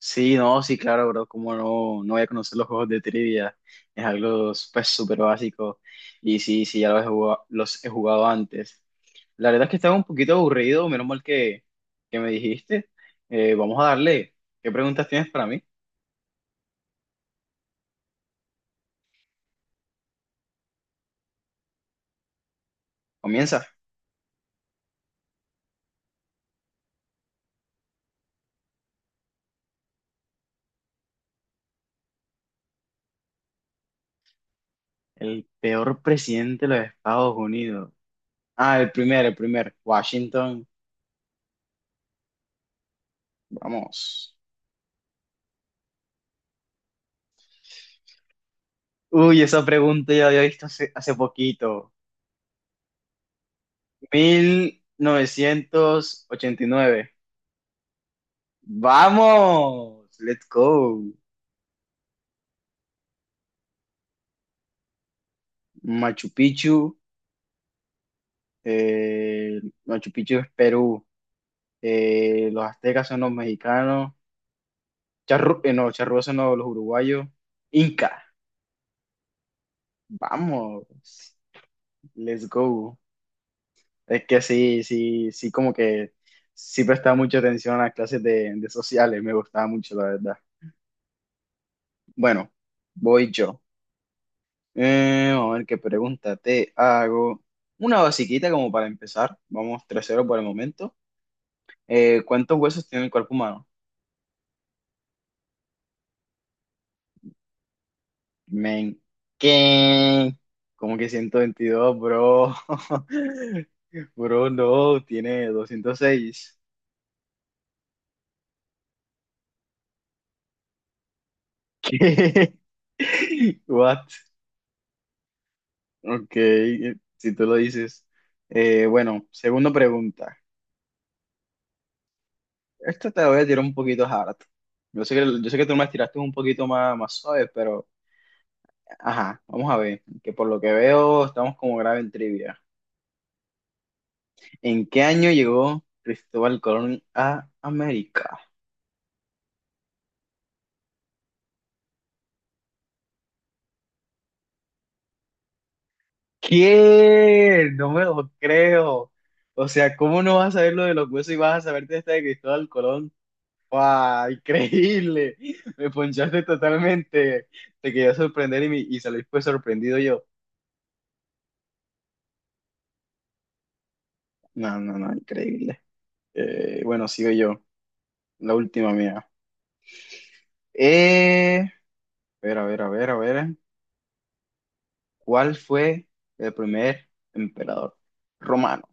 Sí, no, sí, claro, bro, como no, no voy a conocer los juegos de trivia, es algo pues súper básico y sí, sí, ya los he jugado antes. La verdad es que estaba un poquito aburrido, menos mal que me dijiste. Vamos a darle, ¿qué preguntas tienes para mí? Comienza. El peor presidente de los Estados Unidos. Ah, Washington, vamos. Uy, esa pregunta ya la había visto hace poquito. 1989. Vamos, let's go. Machu Picchu, eh, Machu Picchu es Perú, los aztecas son los mexicanos, charru no, charrúas son los, uruguayos, Inca, vamos, let's go. Es que sí, sí, sí, como que sí prestaba mucha atención a las clases de sociales, me gustaba mucho, la verdad. Bueno, voy yo. Vamos a ver qué pregunta te hago. Una basiquita como para empezar. Vamos 3-0 por el momento. ¿Cuántos huesos tiene el cuerpo humano? Men, ¿qué? ¿Como que 122, bro? Bro, no, tiene 206. ¿Qué? What? Ok, si tú lo dices. Bueno, segunda pregunta. Esta te la voy a tirar un poquito hard. Yo sé que tú me la tiraste un poquito más suave, pero ajá, vamos a ver. Que por lo que veo, estamos como grave en trivia. ¿En qué año llegó Cristóbal Colón a América? ¿Qué? No me lo creo. O sea, ¿cómo no vas a saber lo de los huesos y vas a saberte esta de Cristóbal Colón? ¡Wow! Increíble. Me ponchaste totalmente. Te quería sorprender y salí pues sorprendido yo. No, no, no, increíble. Bueno, sigo yo. La última mía. Eh, a ver, a ver, a ver, a ver. ¿Cuál fue el primer emperador romano?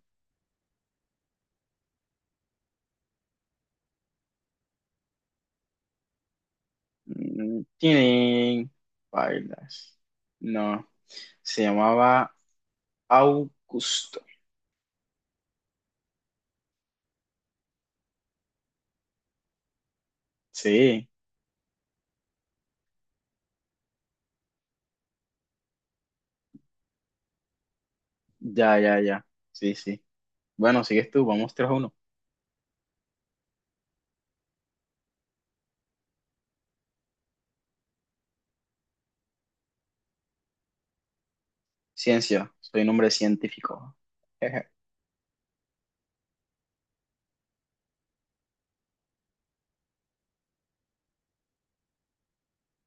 Tienen bailas. No, se llamaba Augusto. Sí, ya, ya, ya. Sí, sí. Bueno, sigues tú, vamos 3-1. Ciencia, soy un hombre científico. Jeje.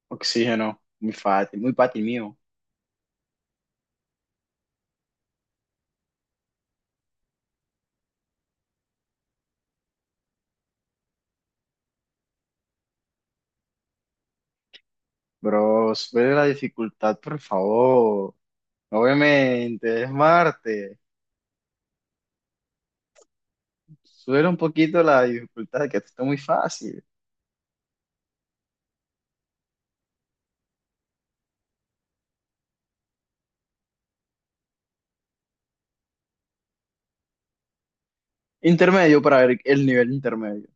Oxígeno, muy fácil mío. Bro, sube la dificultad, por favor. Obviamente, es Marte. Sube un poquito la dificultad, que esto está muy fácil. Intermedio para ver el nivel intermedio.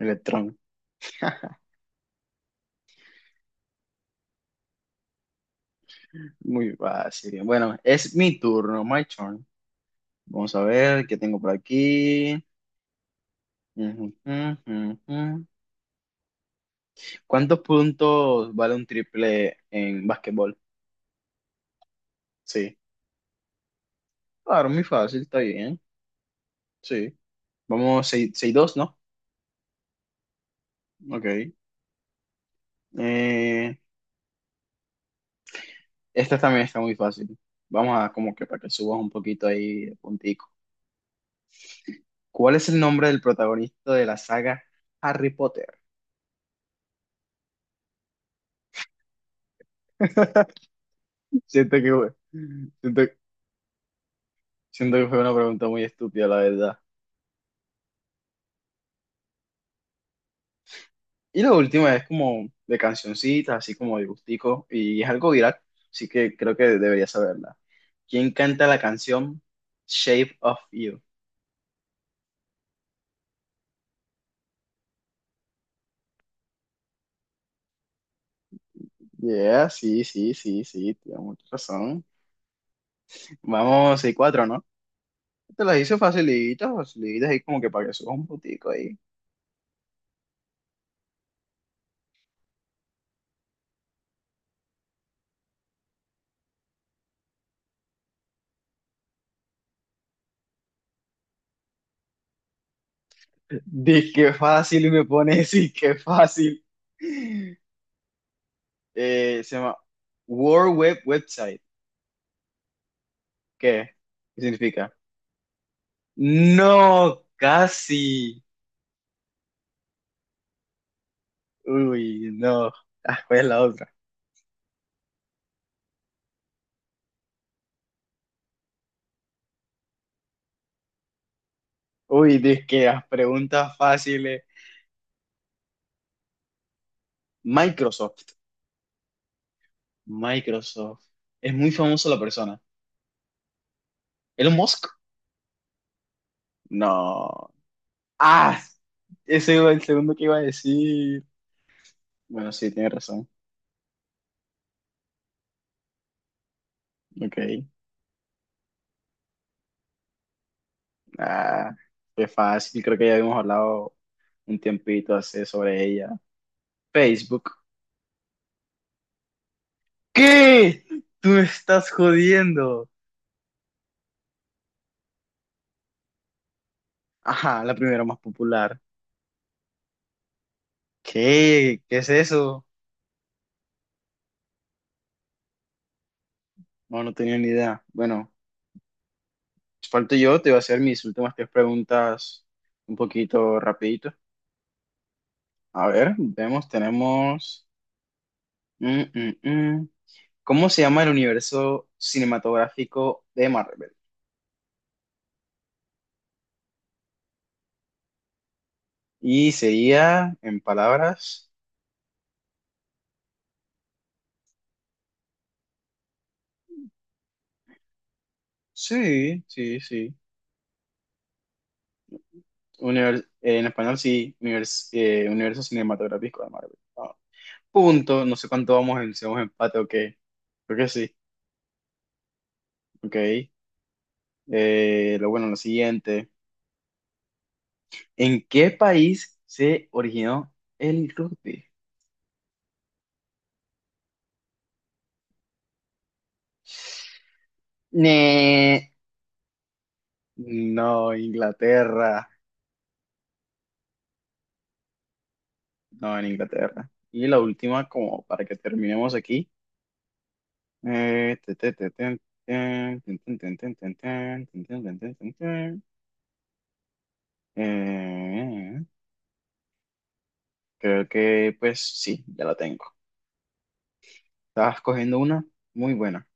Electrón. Muy fácil. Bueno, es mi turno, my turn. Vamos a ver qué tengo por aquí. Ujú, ujú, ujú. ¿Cuántos puntos vale un triple en básquetbol? Sí. Claro, muy fácil, está bien. Sí. Vamos 6-2, ¿no? Ok. Eh, Esta también está muy fácil. Vamos a como que para que subas un poquito ahí de puntico. ¿Cuál es el nombre del protagonista de la saga Harry Potter? Siento que, siento, Siento que fue una pregunta muy estúpida, la verdad. Y la última es como de cancioncitas, así como de gustico, y es algo viral, así que creo que debería saberla. ¿Quién canta la canción Shape of You? Yeah, sí, sí, sí, sí, tienes mucha razón. Vamos, 6 cuatro, ¿no? Te las hice facilitas, facilitas, ahí como que para que subas un putico ahí. Qué fácil, y me pones, sí, qué fácil. Se llama World Web Website. ¿Qué? ¿Qué significa? No, casi. Uy, no. Ah, ¿cuál es la otra? Uy, dizque las preguntas fáciles. Microsoft. Microsoft. Es muy famoso la persona. ¿Elon Musk? No. Ah, ese era el segundo que iba a decir. Bueno, sí, tiene razón. Ok. Ah, fue fácil. Creo que ya habíamos hablado un tiempito hace sobre ella. Facebook. ¿Qué? Tú me estás jodiendo. Ajá, la primera más popular. ¿Qué? ¿Qué es eso? No, no tenía ni idea. Bueno, falto yo, te voy a hacer mis últimas tres preguntas un poquito rapidito. A ver, vemos, tenemos. mm, mm, mm. ¿Cómo se llama el universo cinematográfico de Marvel? Y sería, en palabras, sí, sí, sí. En español, sí, universo cinematográfico de Marvel. Ah, punto, no sé cuánto vamos en, si vamos en empate o qué. Creo que sí, ok. Lo bueno, lo siguiente. ¿En qué país se originó el rugby? Ne- No, Inglaterra. No, en Inglaterra. Y la última, como para que terminemos aquí. Eh, te- te- te- ten- ten, ten. Eh, Creo que, pues sí, ya la tengo. Estabas cogiendo una muy buena.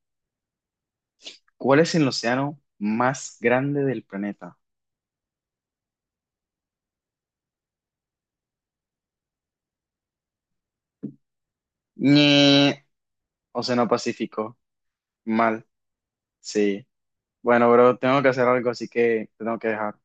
¿Cuál es el océano más grande del planeta? Océano Pacífico. Mal. Sí. Bueno, bro, tengo que hacer algo, así que te tengo que dejar.